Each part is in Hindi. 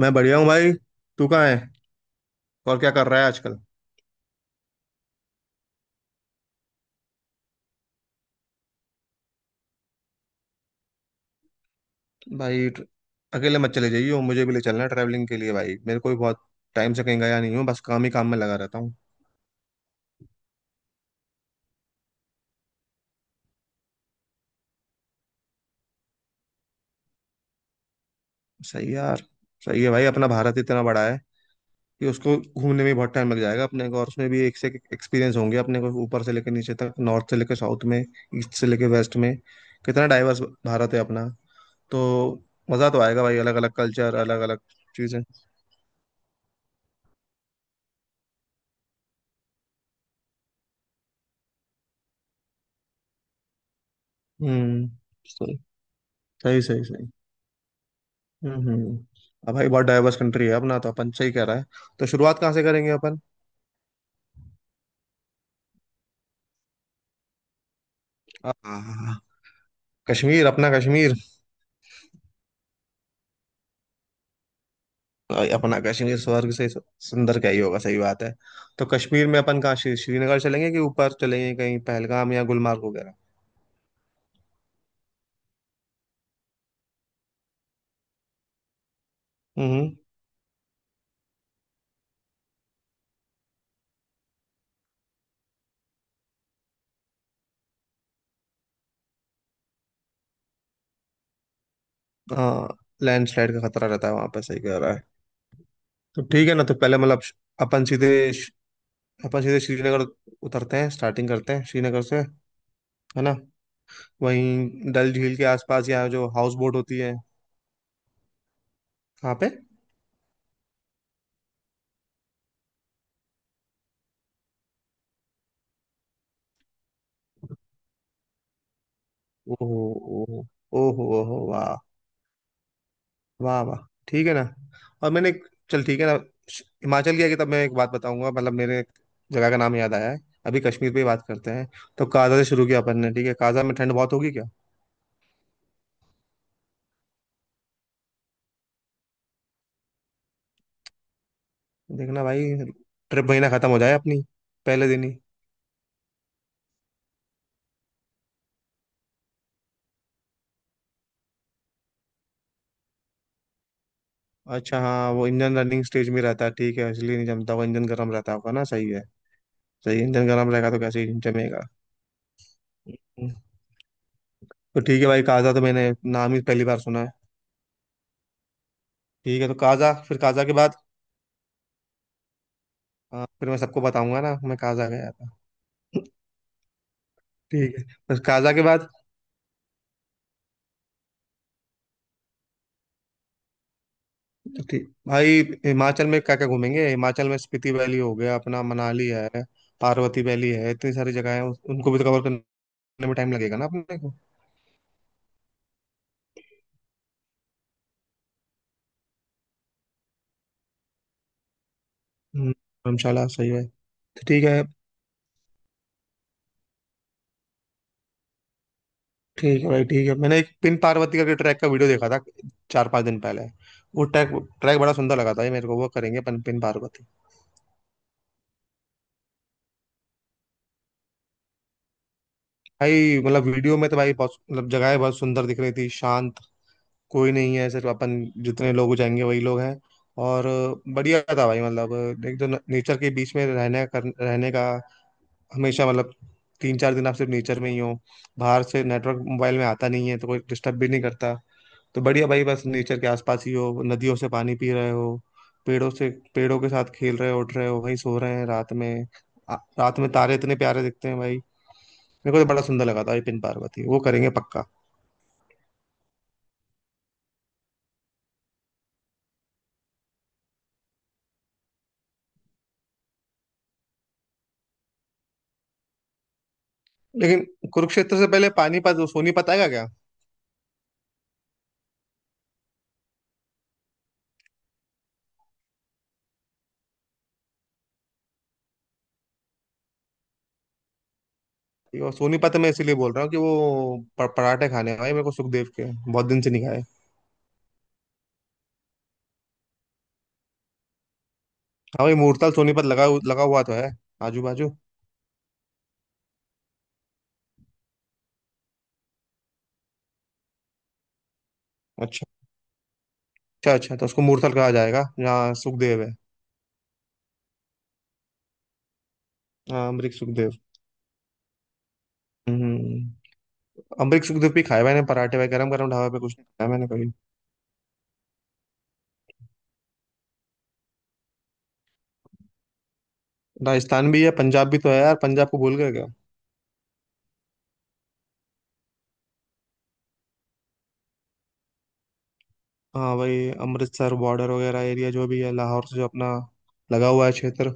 मैं बढ़िया हूँ भाई। तू कहाँ है और क्या कर रहा है आजकल? भाई अकेले मत चले जाइयो, मुझे भी ले चलना है ट्रैवलिंग के लिए। भाई मेरे को भी बहुत टाइम से कहीं गया नहीं हूँ, बस काम ही काम में लगा रहता हूँ। सही है यार। सही है भाई, अपना भारत इतना बड़ा है कि उसको घूमने में बहुत टाइम लग जाएगा अपने को। और उसमें भी एक से एक एक्सपीरियंस होंगे अपने को, ऊपर से लेकर नीचे तक, नॉर्थ से लेकर साउथ में, ईस्ट से लेकर वेस्ट में। कितना डाइवर्स भारत है अपना। तो मज़ा तो आएगा भाई, अलग अलग कल्चर, अलग अलग चीज़ें। हम्म। सही सही सही सही। हम्म। अब भाई बहुत डाइवर्स कंट्री है अपना, तो अपन सही कह रहा है। तो शुरुआत कहाँ से करेंगे अपन? आ, कश्मीर, अपना कश्मीर। अपना कश्मीर स्वर्ग से सुंदर क्या ही होगा, सही बात है। तो कश्मीर में अपन कहाँ, श्रीनगर चलेंगे कि ऊपर चलेंगे कहीं पहलगाम या गुलमार्ग वगैरह? हम्म। हाँ, लैंडस्लाइड का खतरा रहता है वहां पर, सही कह रहा है। तो ठीक है ना, तो पहले मतलब अपन सीधे अपन सीधे श्रीनगर उतरते हैं, स्टार्टिंग करते हैं श्रीनगर से, है ना। वहीं डल झील के आसपास, या जो हाउस बोट होती है। कहाँ पे? ओहो ओहो, ओहो ओहो, वाह वाह वाह। ठीक है ना। और चल ठीक है ना, हिमाचल गया कि तब मैं एक बात बताऊंगा, मतलब मेरे एक जगह का नाम याद आया है। अभी कश्मीर पे ही बात करते हैं। तो काजा से शुरू किया अपन ने, ठीक है। काजा में ठंड बहुत होगी क्या? देखना भाई, ट्रिप महीना खत्म हो जाए अपनी पहले दिन ही। अच्छा हाँ, वो इंजन रनिंग स्टेज में रहता है ठीक है, इसलिए नहीं जमता, वो इंजन गर्म रहता होगा ना, सही है। सही है, इंजन गर्म रहेगा तो कैसे ही जमेगा। तो ठीक है भाई, काजा तो मैंने नाम ही पहली बार सुना है। ठीक है, तो काजा, फिर काजा के बाद। हाँ फिर मैं सबको बताऊंगा ना, मैं काजा गया था। ठीक है, बस काजा के बाद ठीक भाई, हिमाचल में क्या क्या घूमेंगे? हिमाचल में स्पीति वैली हो गया अपना, मनाली है, पार्वती वैली है, इतनी सारी जगह है, उनको भी तो कवर करने में टाइम लगेगा ना अपने को। धर्मशाला सही है, तो ठीक है। ठीक है भाई, ठीक है, मैंने एक पिन पार्वती करके ट्रैक का वीडियो देखा था, चार पांच दिन पहले। वो ट्रैक, ट्रैक बड़ा सुंदर लगा था ये मेरे को, वो करेंगे अपन पिन पार्वती। भाई मतलब वीडियो में तो भाई बहुत मतलब, जगह बहुत सुंदर दिख रही थी, शांत, कोई नहीं है, सिर्फ अपन, जितने लोग जाएंगे वही लोग हैं। और बढ़िया था भाई, मतलब एक तो नेचर के बीच में रहने का, हमेशा मतलब तीन चार दिन आप सिर्फ नेचर में ही हो। बाहर से नेटवर्क मोबाइल में आता नहीं है तो कोई डिस्टर्ब भी नहीं करता। तो बढ़िया भाई, बस नेचर के आसपास ही हो, नदियों से पानी पी रहे हो, पेड़ों से पेड़ों के साथ खेल रहे हो, उठ रहे हो, वहीं सो रहे हैं रात में। रात में तारे इतने प्यारे दिखते हैं भाई। मेरे को तो बड़ा सुंदर लगा था ये पिन पार्वती, वो करेंगे पक्का। लेकिन कुरुक्षेत्र से पहले पानीपत सोनीपत आएगा क्या? ये वो सोनीपत मैं इसीलिए बोल रहा हूँ कि वो पराठे खाने हैं भाई मेरे को सुखदेव के, बहुत दिन से नहीं खाए। हाँ भाई, मूर्तल सोनीपत लगा हुआ तो है, आजू बाजू। अच्छा, अच्छा अच्छा, तो उसको मूर्तल कहा जाएगा जहाँ सुखदेव है। हाँ अमरीक सुखदेव। हम्म हम्म। अमरीक सुखदेव भी खाए मैंने पराठे भाई, गरम गरम ढाबा पे कुछ नहीं खाया मैंने कभी। राजस्थान भी है, पंजाब भी तो है यार, पंजाब को भूल गए क्या? हाँ भाई, अमृतसर बॉर्डर वगैरह एरिया जो भी है, लाहौर से जो अपना लगा हुआ है क्षेत्र,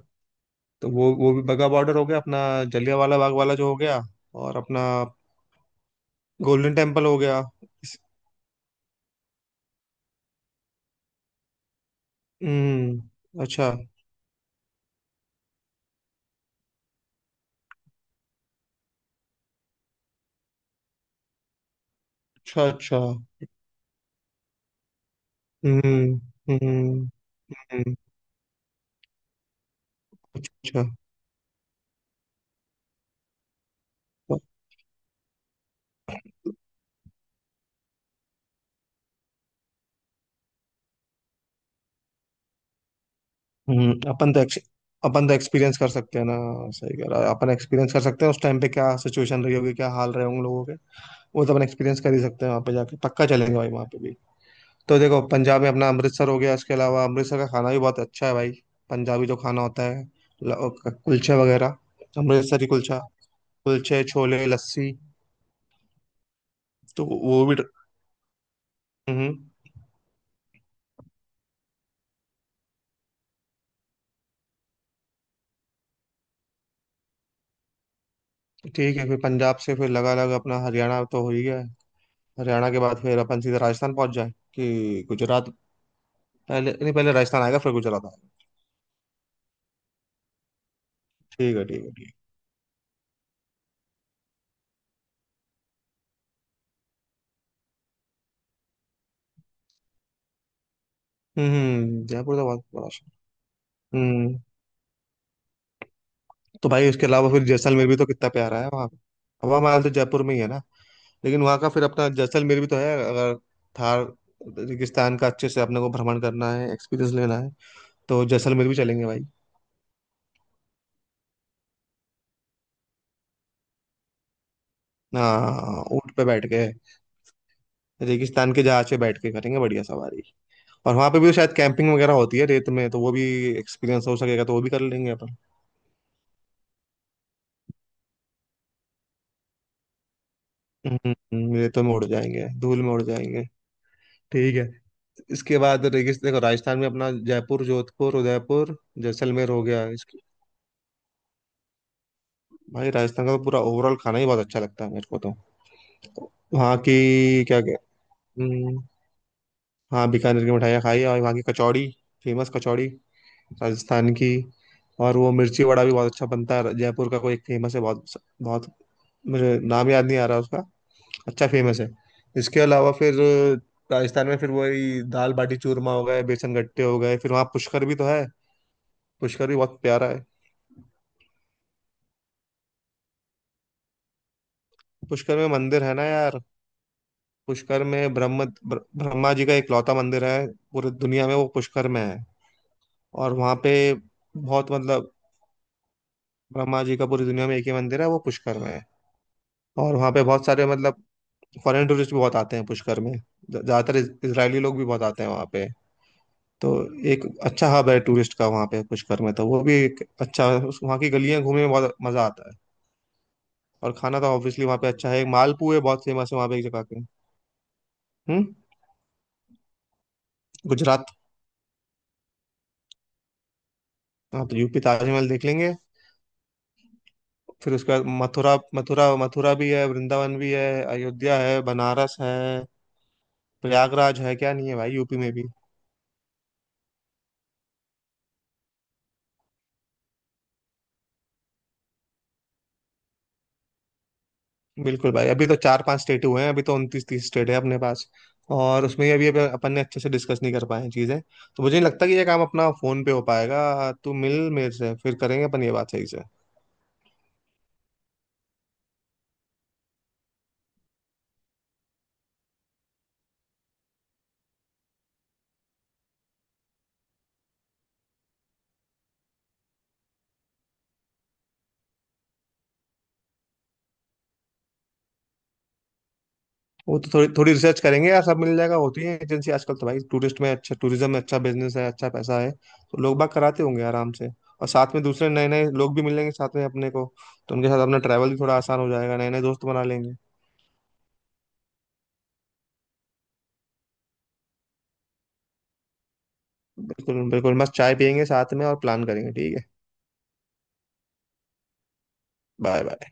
तो वो भी बगा बॉर्डर हो गया अपना, जलियांवाला बाग वाला जो हो गया, और अपना गोल्डन टेम्पल हो गया। इस- हम्म, अच्छा अच्छा अच्छा। हम्म। हम्म। हम्म, अच्छा अच्छा। हम्म। अपन तो एक्सपीरियंस कर सकते हैं ना, सही कह रहा है, अपन एक्सपीरियंस कर सकते हैं उस टाइम पे क्या सिचुएशन रही होगी, क्या हाल रहे होंगे लोगों के, वो तो अपन एक्सपीरियंस कर ही सकते हैं वहाँ पे जाके। पक्का चलेंगे भाई वहाँ पे भी। तो देखो, पंजाब में अपना अमृतसर हो गया, इसके अलावा अमृतसर का खाना भी बहुत अच्छा है भाई, पंजाबी जो खाना होता है, कुलचे वगैरह। अमृतसरी कुलचा, कुलचे, छोले, लस्सी, तो वो भी। हम्म। ठीक है, फिर पंजाब से फिर लगा लगा अपना हरियाणा तो हो ही गया है। हरियाणा के बाद फिर अपन सीधा राजस्थान पहुंच जाए कि गुजरात? पहले नहीं, पहले राजस्थान आएगा फिर गुजरात आएगा। ठीक है ठीक है ठीक है। हम्म, जयपुर तो बहुत बड़ा शहर। हम्म। तो भाई उसके अलावा फिर जैसलमेर भी तो कितना प्यारा है वहाँ पे। हवा महल तो जयपुर में ही है ना। लेकिन वहाँ का फिर अपना जैसलमेर भी तो है, अगर थार रेगिस्तान का अच्छे से अपने को भ्रमण करना है, एक्सपीरियंस लेना है, तो जैसलमेर भी चलेंगे भाई। हाँ ऊँट पे बैठ के, रेगिस्तान के जहाज पे बैठ के, करेंगे बढ़िया सवारी। और वहाँ पे भी तो शायद कैंपिंग वगैरह होती है रेत में, तो वो भी एक्सपीरियंस हो सकेगा, तो वो भी कर लेंगे अपन। रेतों में उड़ जाएंगे, धूल में उड़ जाएंगे। ठीक है। इसके बाद रेगिस्तान, देखो राजस्थान में अपना जयपुर, जोधपुर, उदयपुर, जैसलमेर हो गया। इसके, भाई राजस्थान का तो पूरा ओवरऑल खाना ही बहुत अच्छा लगता है मेरे को तो। वहाँ की क्या क्या। हम्म, हाँ बीकानेर की मिठाइयाँ खाई, और वहाँ की कचौड़ी, फेमस कचौड़ी राजस्थान की। और वो मिर्ची वड़ा भी बहुत अच्छा बनता है, जयपुर का कोई एक फेमस है, बहुत बहुत मुझे नाम याद नहीं आ रहा उसका, अच्छा फेमस है। इसके अलावा फिर राजस्थान में फिर वही दाल बाटी चूरमा हो गए, बेसन गट्टे हो गए, फिर वहाँ पुष्कर भी तो है, पुष्कर भी बहुत प्यारा है। पुष्कर में मंदिर है ना यार, पुष्कर में ब्रह्मा जी का इकलौता मंदिर है पूरी दुनिया में, वो पुष्कर में है। और वहाँ पे बहुत मतलब, ब्रह्मा जी का पूरी दुनिया में एक ही मंदिर है, वो पुष्कर में है। और वहाँ पे बहुत सारे मतलब फॉरेन टूरिस्ट भी बहुत आते हैं पुष्कर में, ज़्यादातर इसराइली लोग भी बहुत आते हैं वहाँ पे। तो एक अच्छा हब है टूरिस्ट का वहाँ पे पुष्कर में, तो वो भी एक अच्छा वहाँ की गलियाँ घूमने में बहुत मज़ा आता है। और खाना तो ऑब्वियसली वहाँ पे अच्छा है, मालपुए बहुत फेमस है वहाँ पे एक जगह के। हम्म। गुजरात। हाँ तो यूपी ताजमहल देख लेंगे, फिर उसके बाद मथुरा, मथुरा भी है, वृंदावन भी है, अयोध्या है, बनारस है, प्रयागराज है, क्या नहीं है भाई यूपी में भी। बिल्कुल भाई, अभी तो चार पांच स्टेट हुए हैं, अभी तो उनतीस तीस स्टेट है अपने पास। और उसमें अभी अभी अपन ने अच्छे से डिस्कस नहीं कर पाए हैं चीजें, तो मुझे नहीं लगता कि ये काम अपना फोन पे हो पाएगा, तू मिल मेरे से फिर करेंगे अपन ये बात सही से। वो तो थोड़ी थोड़ी रिसर्च करेंगे यार, सब मिल जाएगा, होती है एजेंसी आजकल तो भाई, टूरिस्ट में अच्छा, टूरिज्म में अच्छा बिजनेस है, अच्छा पैसा है, तो लोग बाग कराते होंगे आराम से। और साथ में दूसरे नए नए लोग भी मिलेंगे साथ में अपने को, तो उनके साथ अपना ट्रैवल भी थोड़ा आसान हो जाएगा, नए नए दोस्त बना लेंगे। बिल्कुल बिल्कुल, मस्त चाय पियेंगे साथ में और प्लान करेंगे, ठीक है। Bye bye.